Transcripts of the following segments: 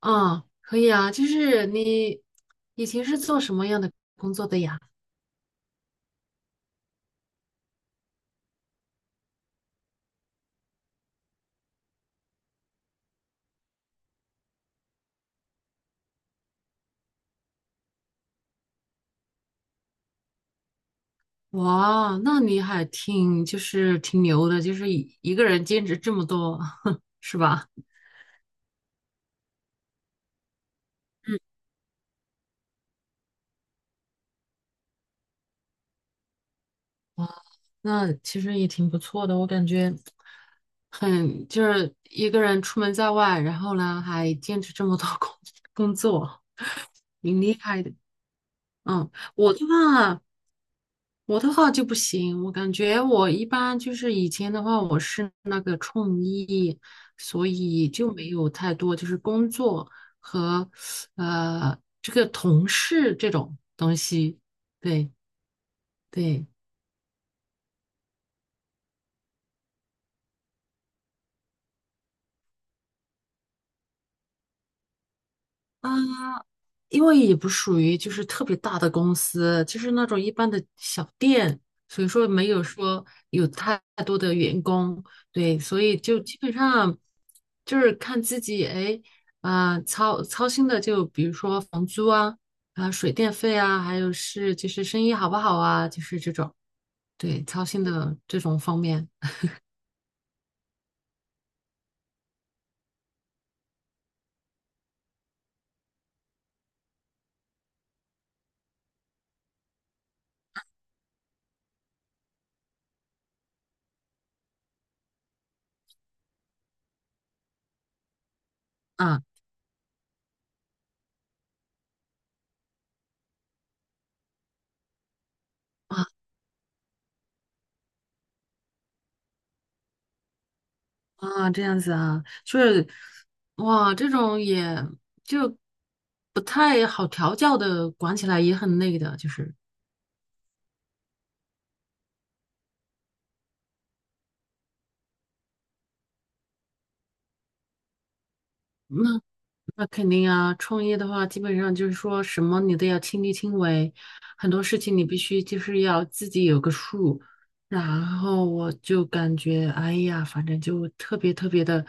啊，可以啊，就是你以前是做什么样的工作的呀？哇，那你还挺就是挺牛的，就是一个人兼职这么多，是吧？嗯，那其实也挺不错的，我感觉很就是一个人出门在外，然后呢还兼职这么多工作，挺厉害的。嗯，我的话，就不行，我感觉我一般就是以前的话，我是那个创意，所以就没有太多就是工作和这个同事这种东西。对对，因为也不属于就是特别大的公司，就是那种一般的小店，所以说没有说有太多的员工，对，所以就基本上就是看自己，哎，啊、操心的就比如说房租啊，啊、水电费啊，还有是就是生意好不好啊，就是这种，对，操心的这种方面，啊。啊，这样子啊，就是哇，这种也就不太好调教的，管起来也很累的，就是那那肯定啊，创业的话，基本上就是说什么你都要亲力亲为，很多事情你必须就是要自己有个数。然后我就感觉，哎呀，反正就特别特别的，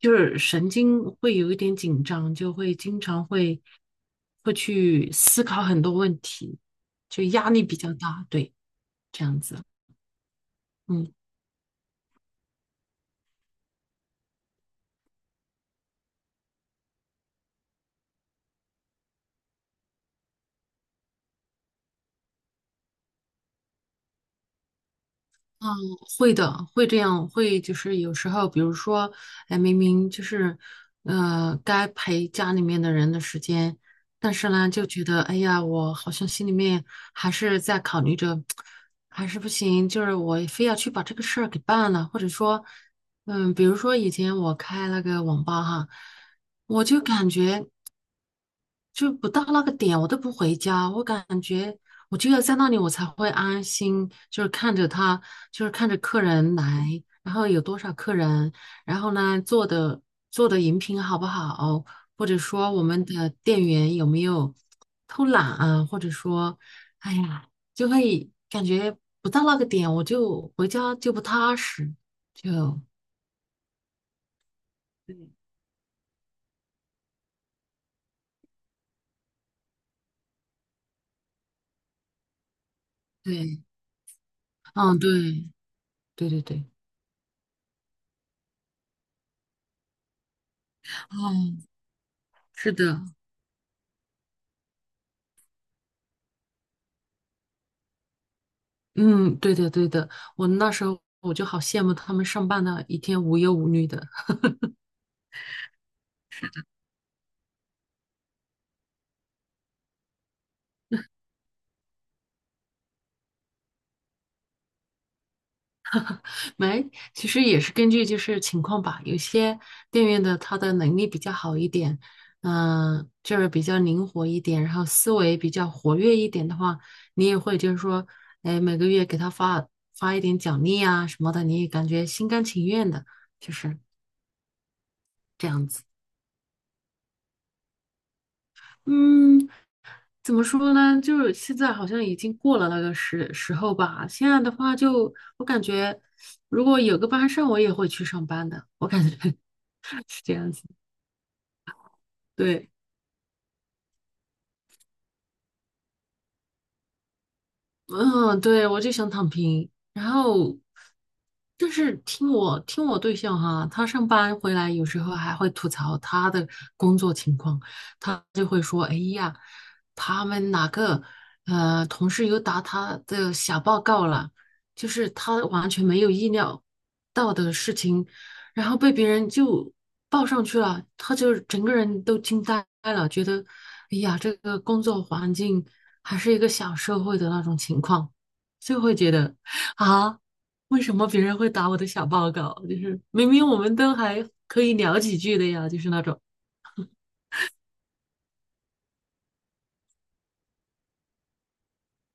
就是神经会有一点紧张，就会经常会去思考很多问题，就压力比较大，对，这样子。嗯。嗯，会的，会这样，会就是有时候，比如说，哎，明明就是，该陪家里面的人的时间，但是呢，就觉得，哎呀，我好像心里面还是在考虑着，还是不行，就是我非要去把这个事儿给办了，或者说，嗯，比如说以前我开那个网吧哈，我就感觉。就不到那个点，我都不回家。我感觉我就要在那里，我才会安心，就是看着他，就是看着客人来，然后有多少客人，然后呢做的饮品好不好，或者说我们的店员有没有偷懒啊，或者说，哎呀，就会感觉不到那个点，我就回家就不踏实，就对，对，嗯，对，对对对，嗯，是的。嗯，对的，对的，我那时候我就好羡慕他们上班的一天无忧无虑的。没，其实也是根据就是情况吧，有些店员的他的能力比较好一点，嗯、就是比较灵活一点，然后思维比较活跃一点的话，你也会就是说，哎，每个月给他发一点奖励啊什么的，你也感觉心甘情愿的，就是这样子。嗯。怎么说呢？就是现在好像已经过了那个时候吧。现在的话就，我感觉如果有个班上，我也会去上班的。我感觉 是这样子。对，嗯，对，我就想躺平。然后，但是听我对象哈，他上班回来有时候还会吐槽他的工作情况，他就会说：“哎呀，他们哪个同事又打他的小报告了，就是他完全没有意料到的事情，然后被别人就报上去了，他就整个人都惊呆了，觉得哎呀，这个工作环境。”还是一个小社会的那种情况，就会觉得啊，为什么别人会打我的小报告？就是明明我们都还可以聊几句的呀，就是那种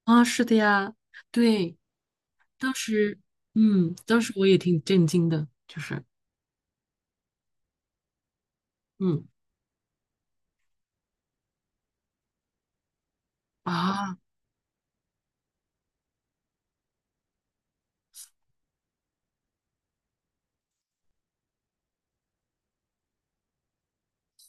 啊，是的呀，对，当时，嗯，当时我也挺震惊的，就是，嗯啊。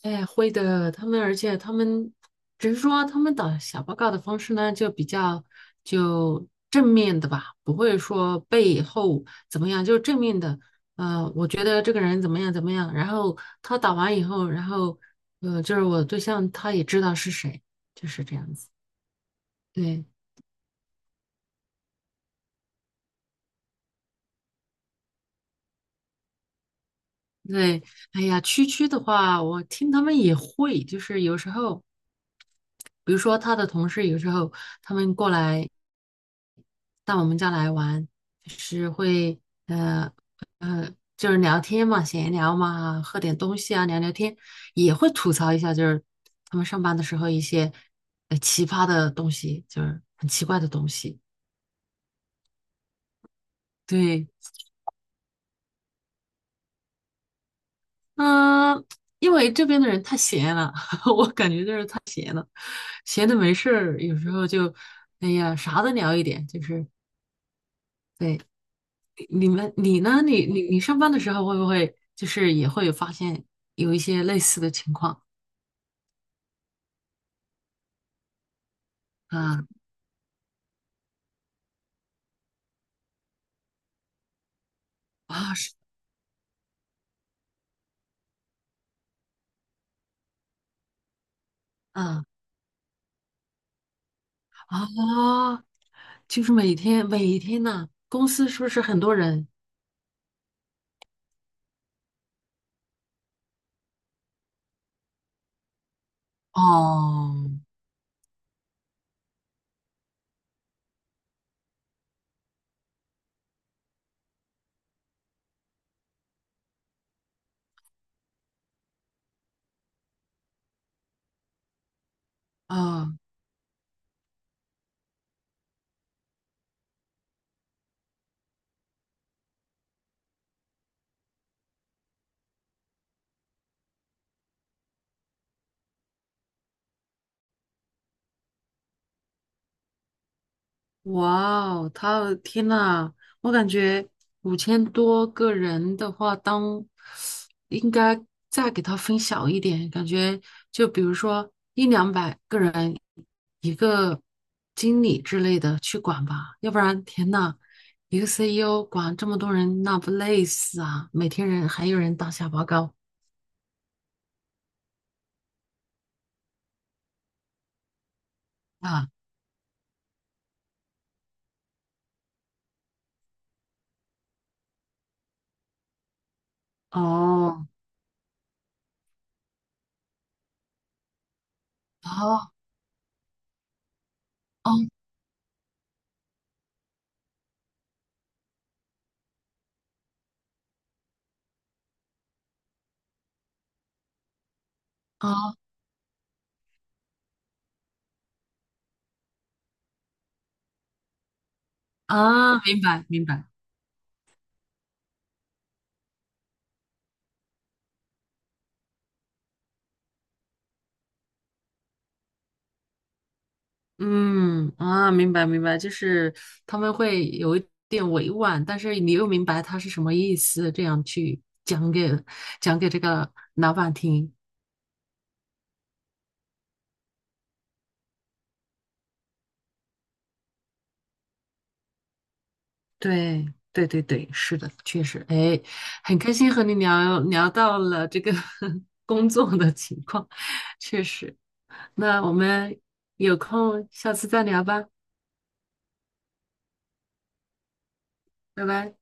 哎，会的，他们，而且他们只是说他们打小报告的方式呢，就比较就正面的吧，不会说背后怎么样，就正面的。我觉得这个人怎么样怎么样，然后他打完以后，然后就是我对象他也知道是谁，就是这样子。对对，哎呀，区区的话，我听他们也会，就是有时候。比如说他的同事有时候他们过来，到我们家来玩，就是会呃就是聊天嘛，闲聊嘛，喝点东西啊，聊聊天，也会吐槽一下，就是他们上班的时候一些奇葩的东西，就是很奇怪的东西。对，嗯、因为这边的人太闲了，我感觉就是太闲了，闲的没事儿，有时候就哎呀啥都聊一点，就是对。你呢？你上班的时候会不会就是也会发现有一些类似的情况啊啊是啊啊，就是每天每天呢，公司是不是很多人？哦哦，啊哇哦，他的天呐，我感觉五千多个人的话，应该再给他分小一点，感觉就比如说一两百个人一个经理之类的去管吧，要不然天呐，一个 CEO 管这么多人，那不累死啊！每天人还有人打小报告啊，哦，哦哦哦啊，明白明白。嗯啊，明白明白，就是他们会有一点委婉，但是你又明白他是什么意思，这样去讲给这个老板听。对对对对，是的，确实，哎，很开心和你聊聊到了这个 工作的情况，确实。那我们有空下次再聊吧，拜拜。